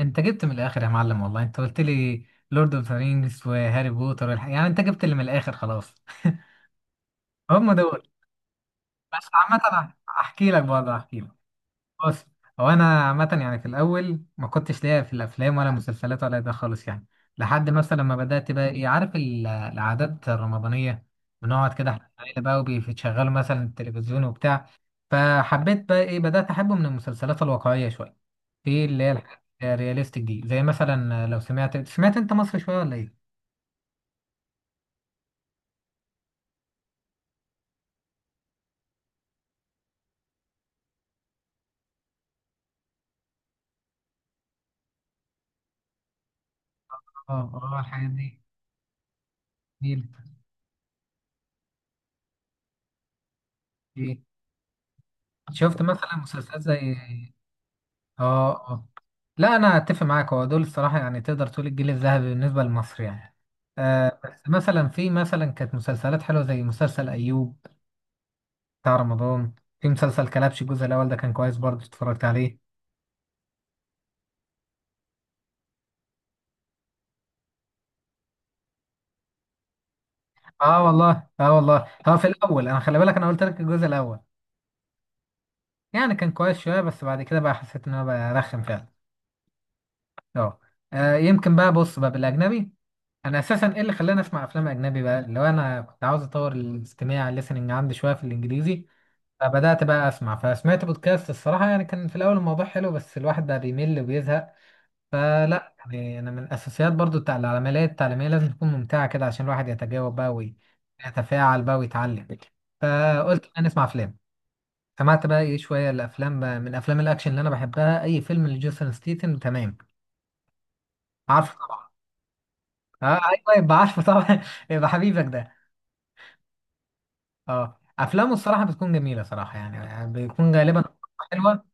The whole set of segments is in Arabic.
انت جبت من الاخر يا معلم، والله انت قلت لي لورد اوف ذا رينجز وهاري بوتر والحاجة. يعني انت جبت اللي من الاخر خلاص. هم دول. بس عامة احكي لك برضه احكي لك. بص، هو انا عامه يعني في الاول ما كنتش ليا في الافلام ولا مسلسلات ولا ده خالص، يعني لحد مثلا ما بدات بقى ايه، عارف العادات الرمضانيه، بنقعد كده احنا العيله بقى وبيشغلوا مثلا التلفزيون وبتاع. فحبيت بقى ايه، بدات احبه من المسلسلات الواقعيه شويه، في اللي هي الحاجات الرياليستيك دي، زي مثلا لو سمعت انت مصر شويه ولا ايه؟ اه اه، الحاجات دي جميلة. ايه، شفت مثلا مسلسلات زي اه اه. لا انا اتفق معاك، هو دول الصراحه يعني، تقدر تقول الجيل الذهبي بالنسبه لمصر يعني. آه بس مثلا، في مثلا كانت مسلسلات حلوه زي مسلسل ايوب بتاع رمضان. في مسلسل كلبش الجزء الاول، ده كان كويس برضه، اتفرجت عليه. اه والله، اه والله، هو في الاول انا خلي بالك انا قلت لك الجزء الاول، يعني كان كويس شويه، بس بعد كده بقى حسيت ان هو بقى رخم فعلا. اه. آه، يمكن بقى، بص بقى بالاجنبي، انا اساسا ايه اللي خلاني اسمع افلام اجنبي بقى، اللي هو انا كنت عاوز اطور الاستماع الليسننج عندي شويه في الانجليزي. فبدأت بقى أسمع، فسمعت بودكاست. الصراحة يعني كان في الأول الموضوع حلو، بس الواحد بقى بيمل وبيزهق. فلا يعني أنا من الأساسيات برضو بتاع العمليات التعليمية لازم تكون ممتعة كده، عشان الواحد يتجاوب بقى ويتفاعل بقى ويتعلم. فقلت بقى نسمع أفلام. سمعت بقى إيه شوية الأفلام بقى، من أفلام الأكشن اللي أنا بحبها، أي فيلم لجيسون ستيتن. تمام، عارفه طبعا. أه أيوه، يبقى عارفه طبعا. يبقى حبيبك ده. أه، أفلامه الصراحة بتكون جميلة صراحة، يعني بيكون غالبا حلوة.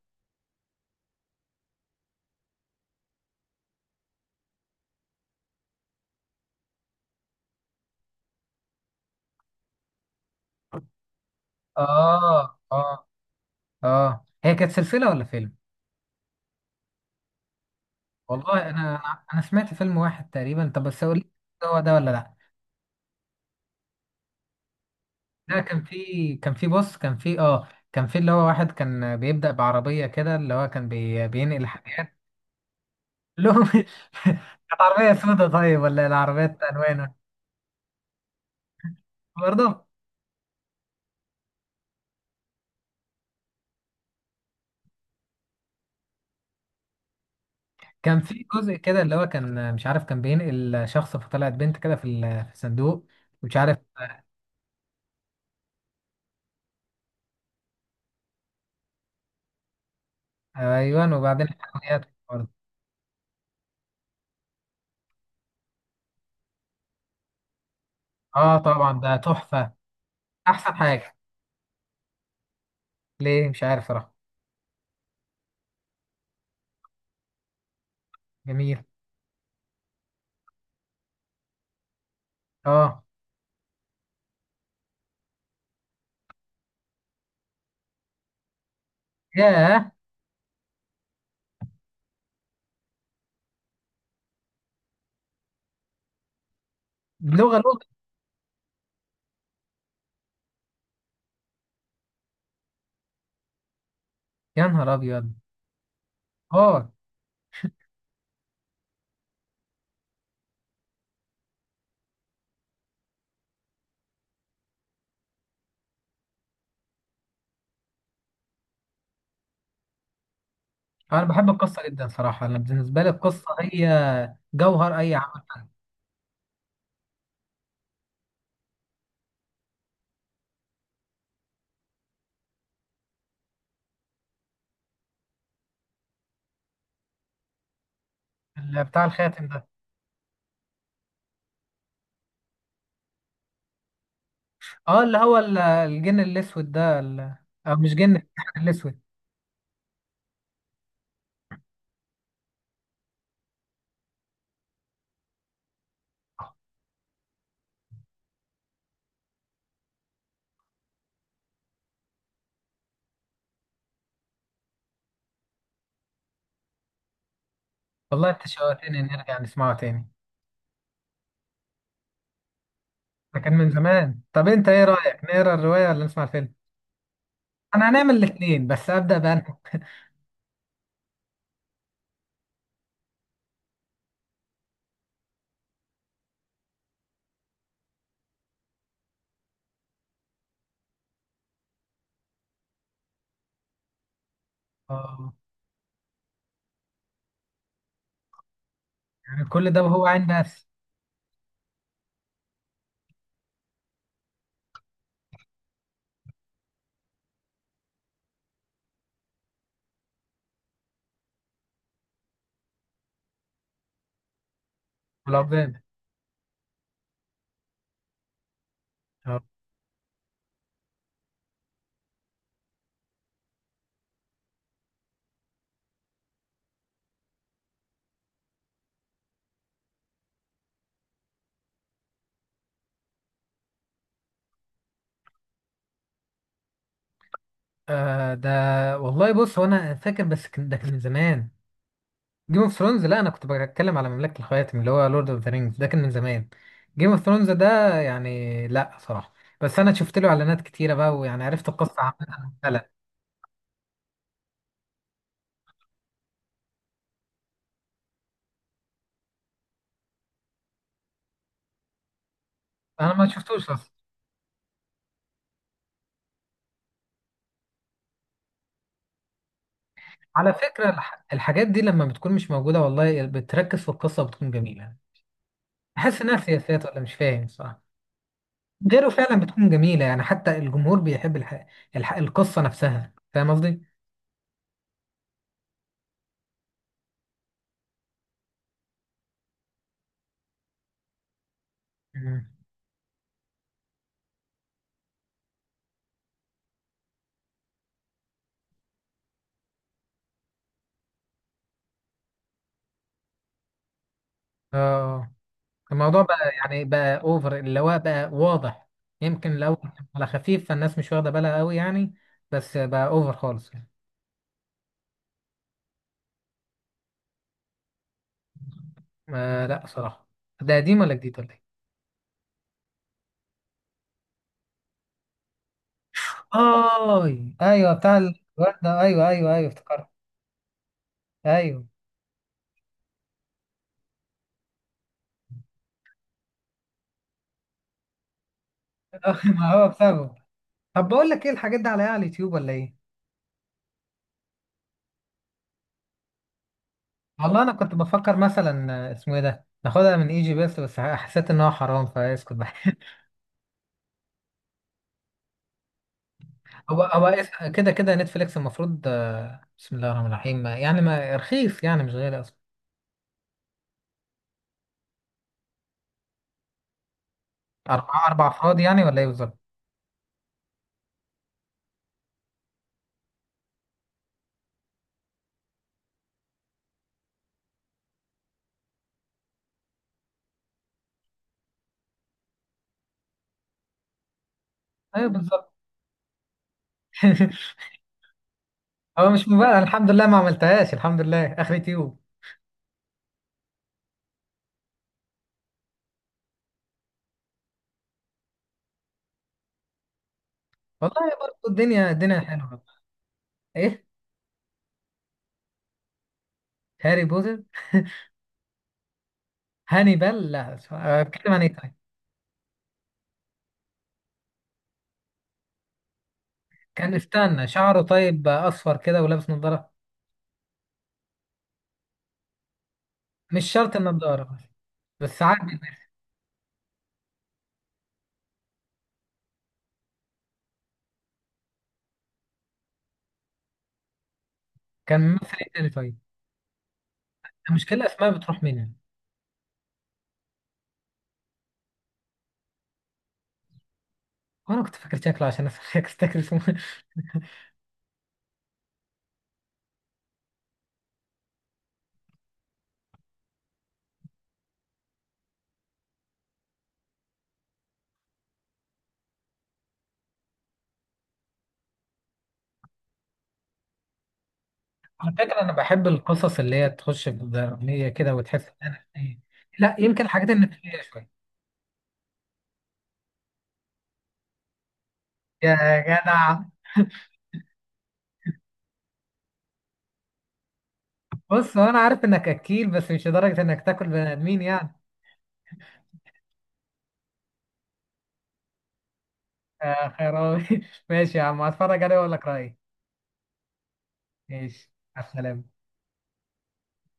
اه اه. اه، هي كانت سلسلة ولا فيلم؟ والله انا انا أنا سمعت فيلم واحد تقريبا، طب بس اقول لك، هو ده ولا لا؟ ده كان في كان في بص كان في اه كان في اللي هو واحد كان بيبدأ بعربية كده، اللي هو كان بينقل حاجة لهم. كانت عربية سودة طيب، ولا العربيات ألوان؟ برضه كان في جزء كده، اللي هو كان مش عارف، كان بينقل شخص فطلعت بنت كده في الصندوق، مش عارف. ايوه، وبعدين الحاجات برضه. اه، طبعا ده تحفة، احسن حاجة. ليه؟ مش عارف صراحة. جميل. اه. ياه. بلغة لغة. يا نهار ابيض. اه، انا بحب القصة جدا صراحة، انا بالنسبة لي القصة هي جوهر اي عمل. بتاع الخاتم ده. اه، اللي هو الجن الاسود ده، او مش جن، السحر الاسود. والله انت شوقتني نرجع نسمعه تاني. ده كان من زمان. طب انت ايه رأيك، نقرا الرواية ولا نسمع الفيلم؟ انا هنعمل الاثنين، بس ابدأ بأنهي؟ اه. يعني كل ده وهو عين بس؟ والعظام. ده والله بص هو انا فاكر، بس ده كان من زمان. جيم اوف ثرونز؟ لا انا كنت بتكلم على مملكة الخواتم اللي هو لورد اوف ذا رينجز، ده كان من زمان. جيم اوف ثرونز ده يعني لا صراحة، بس انا شفت له اعلانات كتيرة بقى، ويعني عرفت القصة عامة. لا انا ما شفتوش اصلا. على فكرة الحاجات دي لما بتكون مش موجودة، والله بتركز في القصة وبتكون جميلة، بحس انها سياسات ولا مش فاهم صراحة. غيره فعلا بتكون جميلة، يعني حتى الجمهور بيحب القصة نفسها، فاهم قصدي؟ مم. اه، الموضوع بقى يعني بقى اوفر، اللي هو بقى واضح. يمكن لو كان على خفيف فالناس مش واخده بالها قوي يعني، بس بقى اوفر خالص يعني. آه لا صراحه. ده قديم ولا جديد ولا ايه؟ اي ايوه، بتاع الوردة، ايوه ايوه ايوه افتكرت. ايوه. ما هو بسببه. طب بقول لك، ايه الحاجات دي عليها على اليوتيوب ولا ايه؟ والله انا كنت بفكر مثلا، آه، اسمه ايه ده؟ ناخدها من اي جي بيست، بس حسيت ان هو حرام فاسكت بقى. كده كده نتفليكس المفروض، بسم الله الرحمن الرحيم، يعني ما رخيص يعني، مش غالي اصلا. أربعة، أربع أفراد يعني ولا إيه بالظبط؟ أيوه بالظبط. هو مش مبالغ، الحمد لله ما عملتهاش، الحمد لله، آخر تيوب. والله برضه الدنيا حلوة. إيه؟ هاري بوتر. هانيبال؟ لا بتكلم عن إيه طيب؟ كان استنى، شعره طيب أصفر كده ولابس نظارة. مش شرط النظارة، بس عادي. كان ممثل إيه تاني طيب؟ المشكلة الأسماء بتروح مني. وأنا كنت فاكر شكله عشان أفتكر اسمه. على فكرة أنا بحب القصص اللي هي تخش في الدرامية كده، وتحس إن أنا إيه. لا، يمكن الحاجات النفسية شوية. يا جدع. بص هو أنا عارف إنك أكيل، بس مش لدرجة إنك تاكل بني آدمين يعني. آه خيراوي. ماشي يا عم، هتفرج عليه وأقول لك رأيي. ماشي، مع السلامة.